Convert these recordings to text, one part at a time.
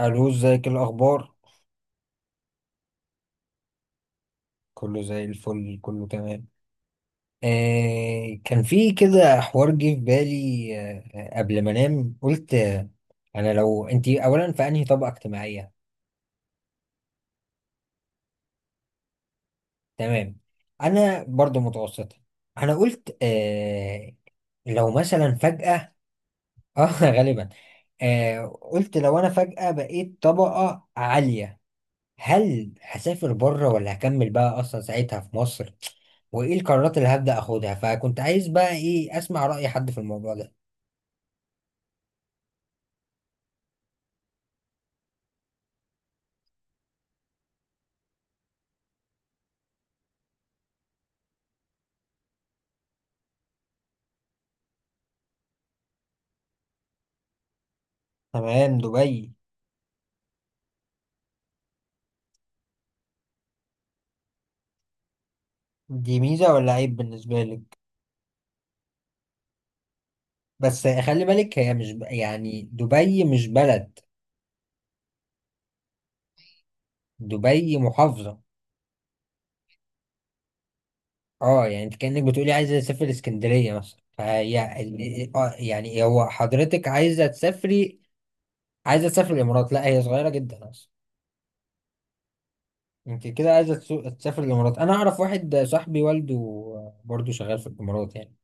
الو، ازيك؟ إيه الاخبار؟ كله زي الفل، كله تمام. كان في كده حوار جه في بالي، قبل ما انام قلت. انا، لو انت اولا في انهي طبقه اجتماعيه؟ تمام. انا برضو متوسطه. انا قلت لو مثلا فجاه. اه، غالبا. قلت لو انا فجاه بقيت طبقه عاليه، هل هسافر بره ولا هكمل بقى اصلا ساعتها في مصر؟ وايه القرارات اللي هبدأ اخدها؟ فكنت عايز بقى ايه، اسمع رأي حد في الموضوع ده. تمام، دبي. دي ميزة ولا عيب بالنسبة لك؟ بس خلي بالك، هي مش يعني دبي مش بلد. دبي محافظة. اه يعني انت كأنك بتقولي عايزة اسافر اسكندرية مثلا، فهي يعني هو حضرتك عايزة تسافري؟ عايزة تسافر الامارات، لا هي صغيرة جدا اصلا. انت كده عايزه تسافر الامارات. انا اعرف واحد صاحبي والده برضه شغال في الامارات يعني.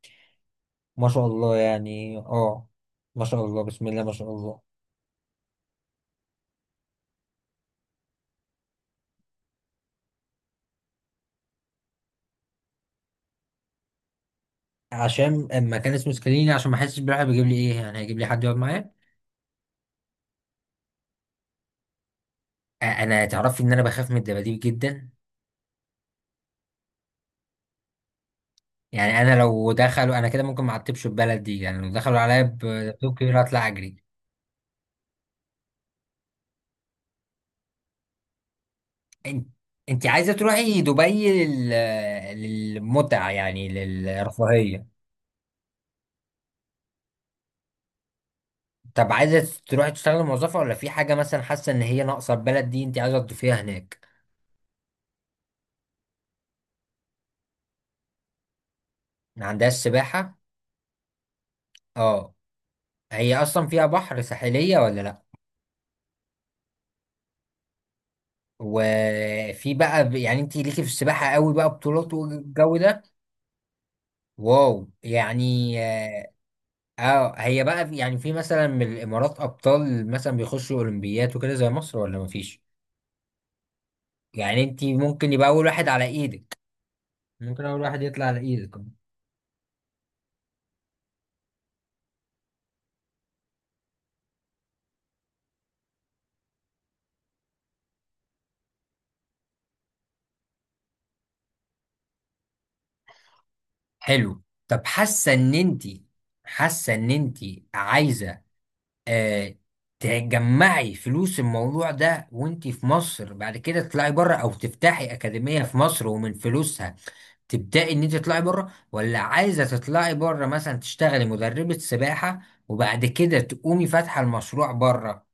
ما شاء الله يعني، اه. ما شاء الله، بسم الله ما شاء الله. عشان اما كان اسمه سكاليني، عشان ما احسش بالراحه بيجيب لي ايه؟ يعني هيجيب لي حد يقعد معايا؟ انا تعرفي ان انا بخاف من الدباديب جدا. يعني انا لو دخلوا انا كده ممكن ما اعتبش البلد دي، يعني لو دخلوا عليا بلابتوب كبير اطلع اجري. انت انت عايزه تروحي دبي للمتعه؟ يعني للرفاهيه؟ طب عايزة تروحي تشتغلي موظفة، ولا في حاجة مثلا حاسة ان هي ناقصة البلد دي، انت عايزة تضيفيها هناك؟ ما عندهاش سباحة؟ اه. هي اصلا فيها بحر؟ ساحلية ولا لا؟ وفي بقى يعني انت ليكي في السباحة قوي بقى، بطولات والجو ده؟ واو، يعني اه. هي بقى يعني في مثلا من الامارات ابطال مثلا بيخشوا اولمبيات وكده زي مصر ولا مفيش؟ يعني انت ممكن يبقى اول واحد على ايدك. ممكن اول واحد يطلع على ايدك. حلو. طب حاسه ان انت عايزه آه تجمعي فلوس الموضوع ده وانت في مصر، بعد كده تطلعي بره او تفتحي اكاديميه في مصر ومن فلوسها تبداي ان انت تطلعي بره، ولا عايزه تطلعي بره مثلا تشتغلي مدربه سباحه وبعد كده تقومي فاتحه المشروع بره؟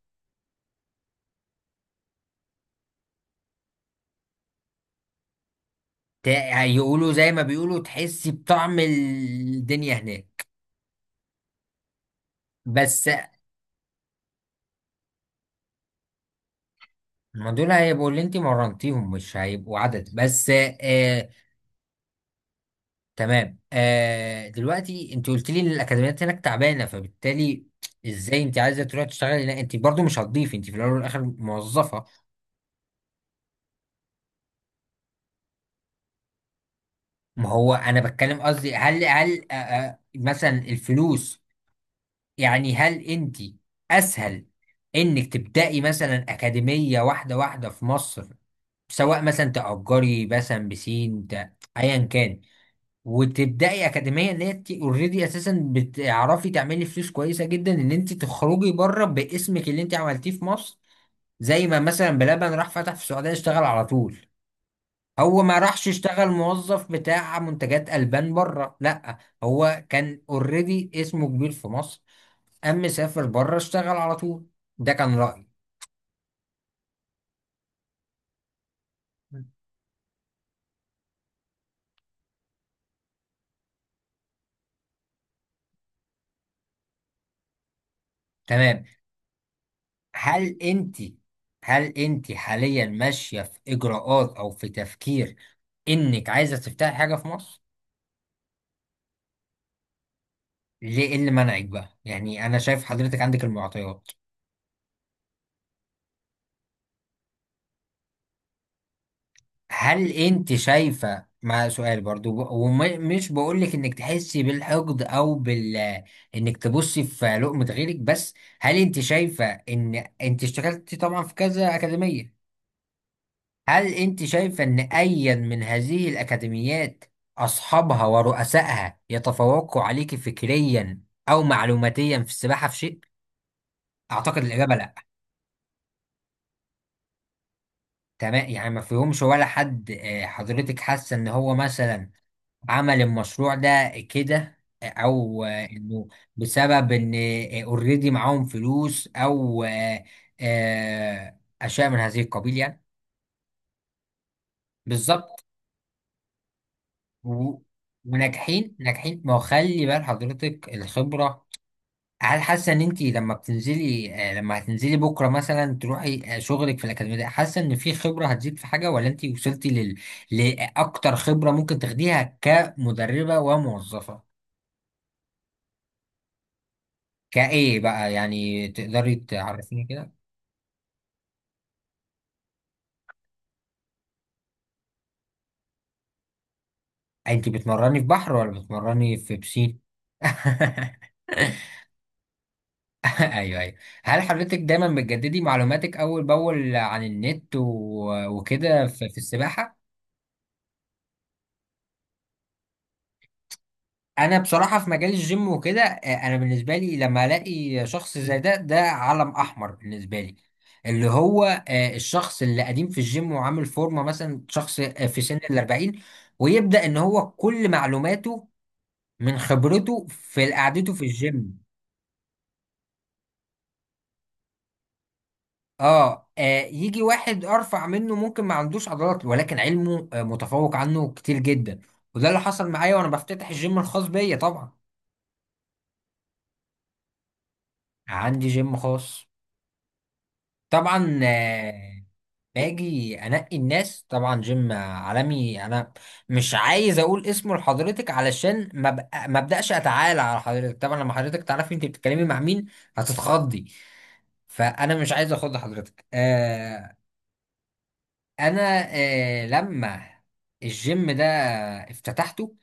يقولوا زي ما بيقولوا تحسي بطعم الدنيا هناك. بس. ما دول هيبقوا اللي انت مرنتيهم، مش هيبقوا عدد بس. آه. تمام. دلوقتي انت قلت لي ان الاكاديميات هناك تعبانه، فبالتالي ازاي انت عايزه تروحي تشتغلي هناك؟ انت برضو مش هتضيفي، انت في الاول والاخر موظفه. ما هو انا بتكلم قصدي، هل مثلا الفلوس، يعني هل انت اسهل انك تبداي مثلا اكاديميه واحده واحده في مصر، سواء مثلا تأجري مثلا بسين ايا كان، وتبداي اكاديميه. اللي انت اوريدي اساسا بتعرفي تعملي فلوس كويسه جدا، ان انت تخرجي بره باسمك اللي انت عملتيه في مصر. زي ما مثلا بلبن راح فتح في السعوديه، اشتغل على طول. هو ما راحش اشتغل موظف بتاع منتجات البان بره، لا. هو كان اوريدي اسمه كبير في مصر، اما سافر بره اشتغل على طول. ده كان رايي. تمام. هل انت هل انت حاليا ماشيه في اجراءات او في تفكير انك عايزه تفتحي حاجه في مصر؟ ليه؟ ايه اللي منعك بقى؟ يعني انا شايف حضرتك عندك المعطيات. هل انت شايفة، مع سؤال برضو ومش بقولك انك تحسي بالحقد او انك تبصي في لقمة غيرك، بس هل انت شايفة ان انت اشتغلتي طبعا في كذا اكاديمية، هل انت شايفة ان ايا من هذه الاكاديميات اصحابها ورؤسائها يتفوقوا عليك فكريا او معلوماتيا في السباحة في شيء؟ اعتقد الاجابة لا. تمام، يعني ما فيهمش ولا حد؟ حضرتك حاسه ان هو مثلا عمل المشروع ده كده، او انه بسبب ان اوريدي معاهم فلوس، او اشياء من هذه القبيل يعني. بالظبط. و- وناجحين ناجحين، ما هو خلي بال حضرتك الخبره. هل حاسه ان انت لما بتنزلي آه، لما هتنزلي بكره مثلا تروحي شغلك في الاكاديميه، ده حاسه ان في خبره هتزيد في حاجه؟ ولا انت وصلتي لاكتر خبره ممكن تاخديها كمدربه وموظفه؟ كايه بقى، يعني تقدري تعرفيني كده؟ انت بتمرني في بحر ولا بتمرني في بسين؟ ايوه، ايوه. هل حضرتك دايما بتجددي معلوماتك اول باول عن النت وكده في السباحه؟ انا بصراحه في مجال الجيم وكده، انا بالنسبه لي لما الاقي شخص زي ده، ده علم احمر بالنسبه لي. اللي هو الشخص اللي قديم في الجيم وعامل فورمه، مثلا شخص في سن الاربعين، ويبدا ان هو كل معلوماته من خبرته في قعدته في الجيم. يجي واحد ارفع منه ممكن ما عندوش عضلات، ولكن علمه متفوق عنه كتير جدا. وده اللي حصل معايا وانا بفتتح الجيم الخاص بيا طبعا. عندي جيم خاص. طبعا. باجي انقي الناس، طبعا جيم عالمي انا. مش عايز اقول اسمه لحضرتك علشان ما ابداش اتعالى على حضرتك. طبعا لما حضرتك تعرفي انت بتتكلمي مع مين هتتخضي، فانا مش عايز اخض حضرتك. انا لما الجيم ده افتتحته،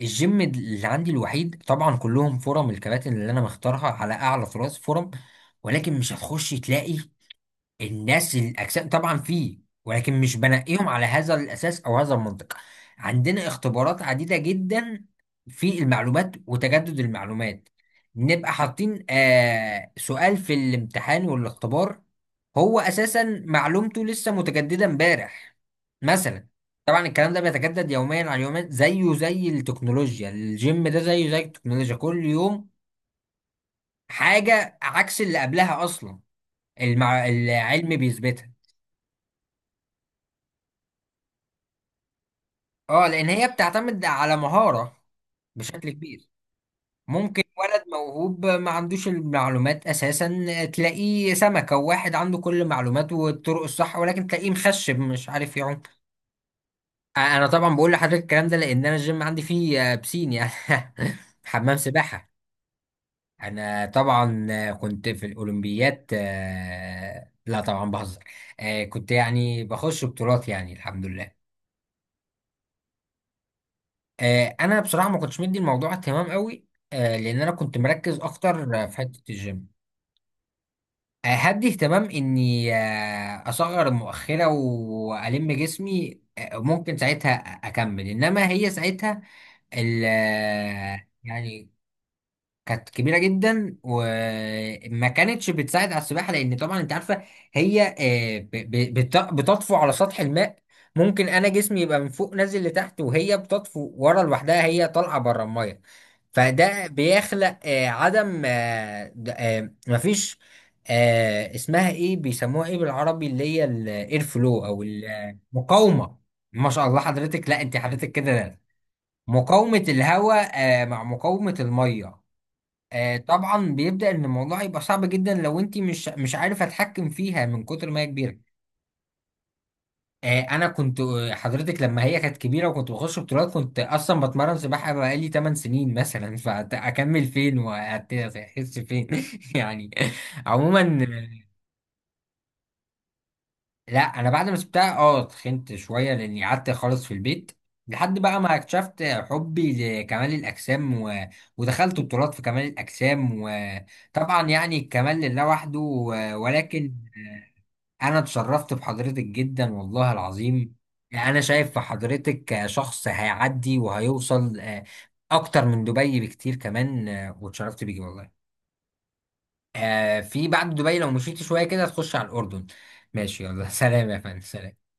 الجيم اللي عندي الوحيد طبعا كلهم فرم، الكباتن اللي انا مختارها على اعلى طراز فرم. ولكن مش هتخش تلاقي الناس الاجسام طبعا فيه، ولكن مش بنقيهم على هذا الاساس او هذا المنطق. عندنا اختبارات عديده جدا في المعلومات وتجدد المعلومات. نبقى حاطين سؤال في الامتحان والاختبار، هو اساسا معلومته لسه متجدده امبارح مثلا. طبعا الكلام ده بيتجدد يوميا على يومين، زيه زي التكنولوجيا. الجيم ده زيه زي التكنولوجيا، كل يوم حاجه عكس اللي قبلها اصلا. العلم بيثبتها. اه، لان هي بتعتمد على مهارة بشكل كبير. ممكن ولد موهوب ما عندوش المعلومات اساسا، تلاقيه سمكة، وواحد عنده كل المعلومات والطرق الصح ولكن تلاقيه مخشب مش عارف يعوم. انا طبعا بقول لحضرتك الكلام ده لان انا الجيم عندي فيه بسين يعني، حمام سباحة. انا طبعا كنت في الاولمبيات. لا طبعا بهزر. كنت يعني بخش بطولات، يعني الحمد لله. انا بصراحه ما كنتش مدي الموضوع اهتمام قوي. لان انا كنت مركز اكتر في حته الجيم. هدي اهتمام اني اصغر المؤخره والم جسمي. ممكن ساعتها اكمل، انما هي ساعتها ال آه، يعني كانت كبيره جدا، وما كانتش بتساعد على السباحه لان طبعا انت عارفه هي بتطفو على سطح الماء. ممكن انا جسمي يبقى من فوق نازل لتحت وهي بتطفو ورا لوحدها، هي طالعه بره الميه. فده بيخلق عدم مفيش اسمها ايه؟ بيسموها ايه بالعربي اللي هي الاير فلو او المقاومه؟ ما شاء الله حضرتك، لا انت حضرتك كده. مقاومه الهواء مع مقاومه الميه. طبعا بيبدأ ان الموضوع يبقى صعب جدا لو انت مش عارف اتحكم فيها من كتر ما هي كبيره. آه انا كنت آه، حضرتك لما هي كانت كبيره وكنت بخش بطولات، كنت اصلا بتمرن سباحه بقالي 8 سنين مثلا، فاكمل فين واحس فين؟ يعني، عموما. لا، انا بعد ما سبتها اتخنت شويه لاني قعدت خالص في البيت، لحد بقى ما اكتشفت حبي لكمال الاجسام ودخلت بطولات في كمال الاجسام، وطبعا يعني الكمال لله وحده ولكن انا اتشرفت بحضرتك جدا والله العظيم. انا شايف في حضرتك شخص هيعدي وهيوصل اكتر من دبي بكتير، كمان واتشرفت بيكي والله. في بعد دبي لو مشيت شويه كده تخش على الاردن. ماشي، يلا، سلام يا فندم، سلام.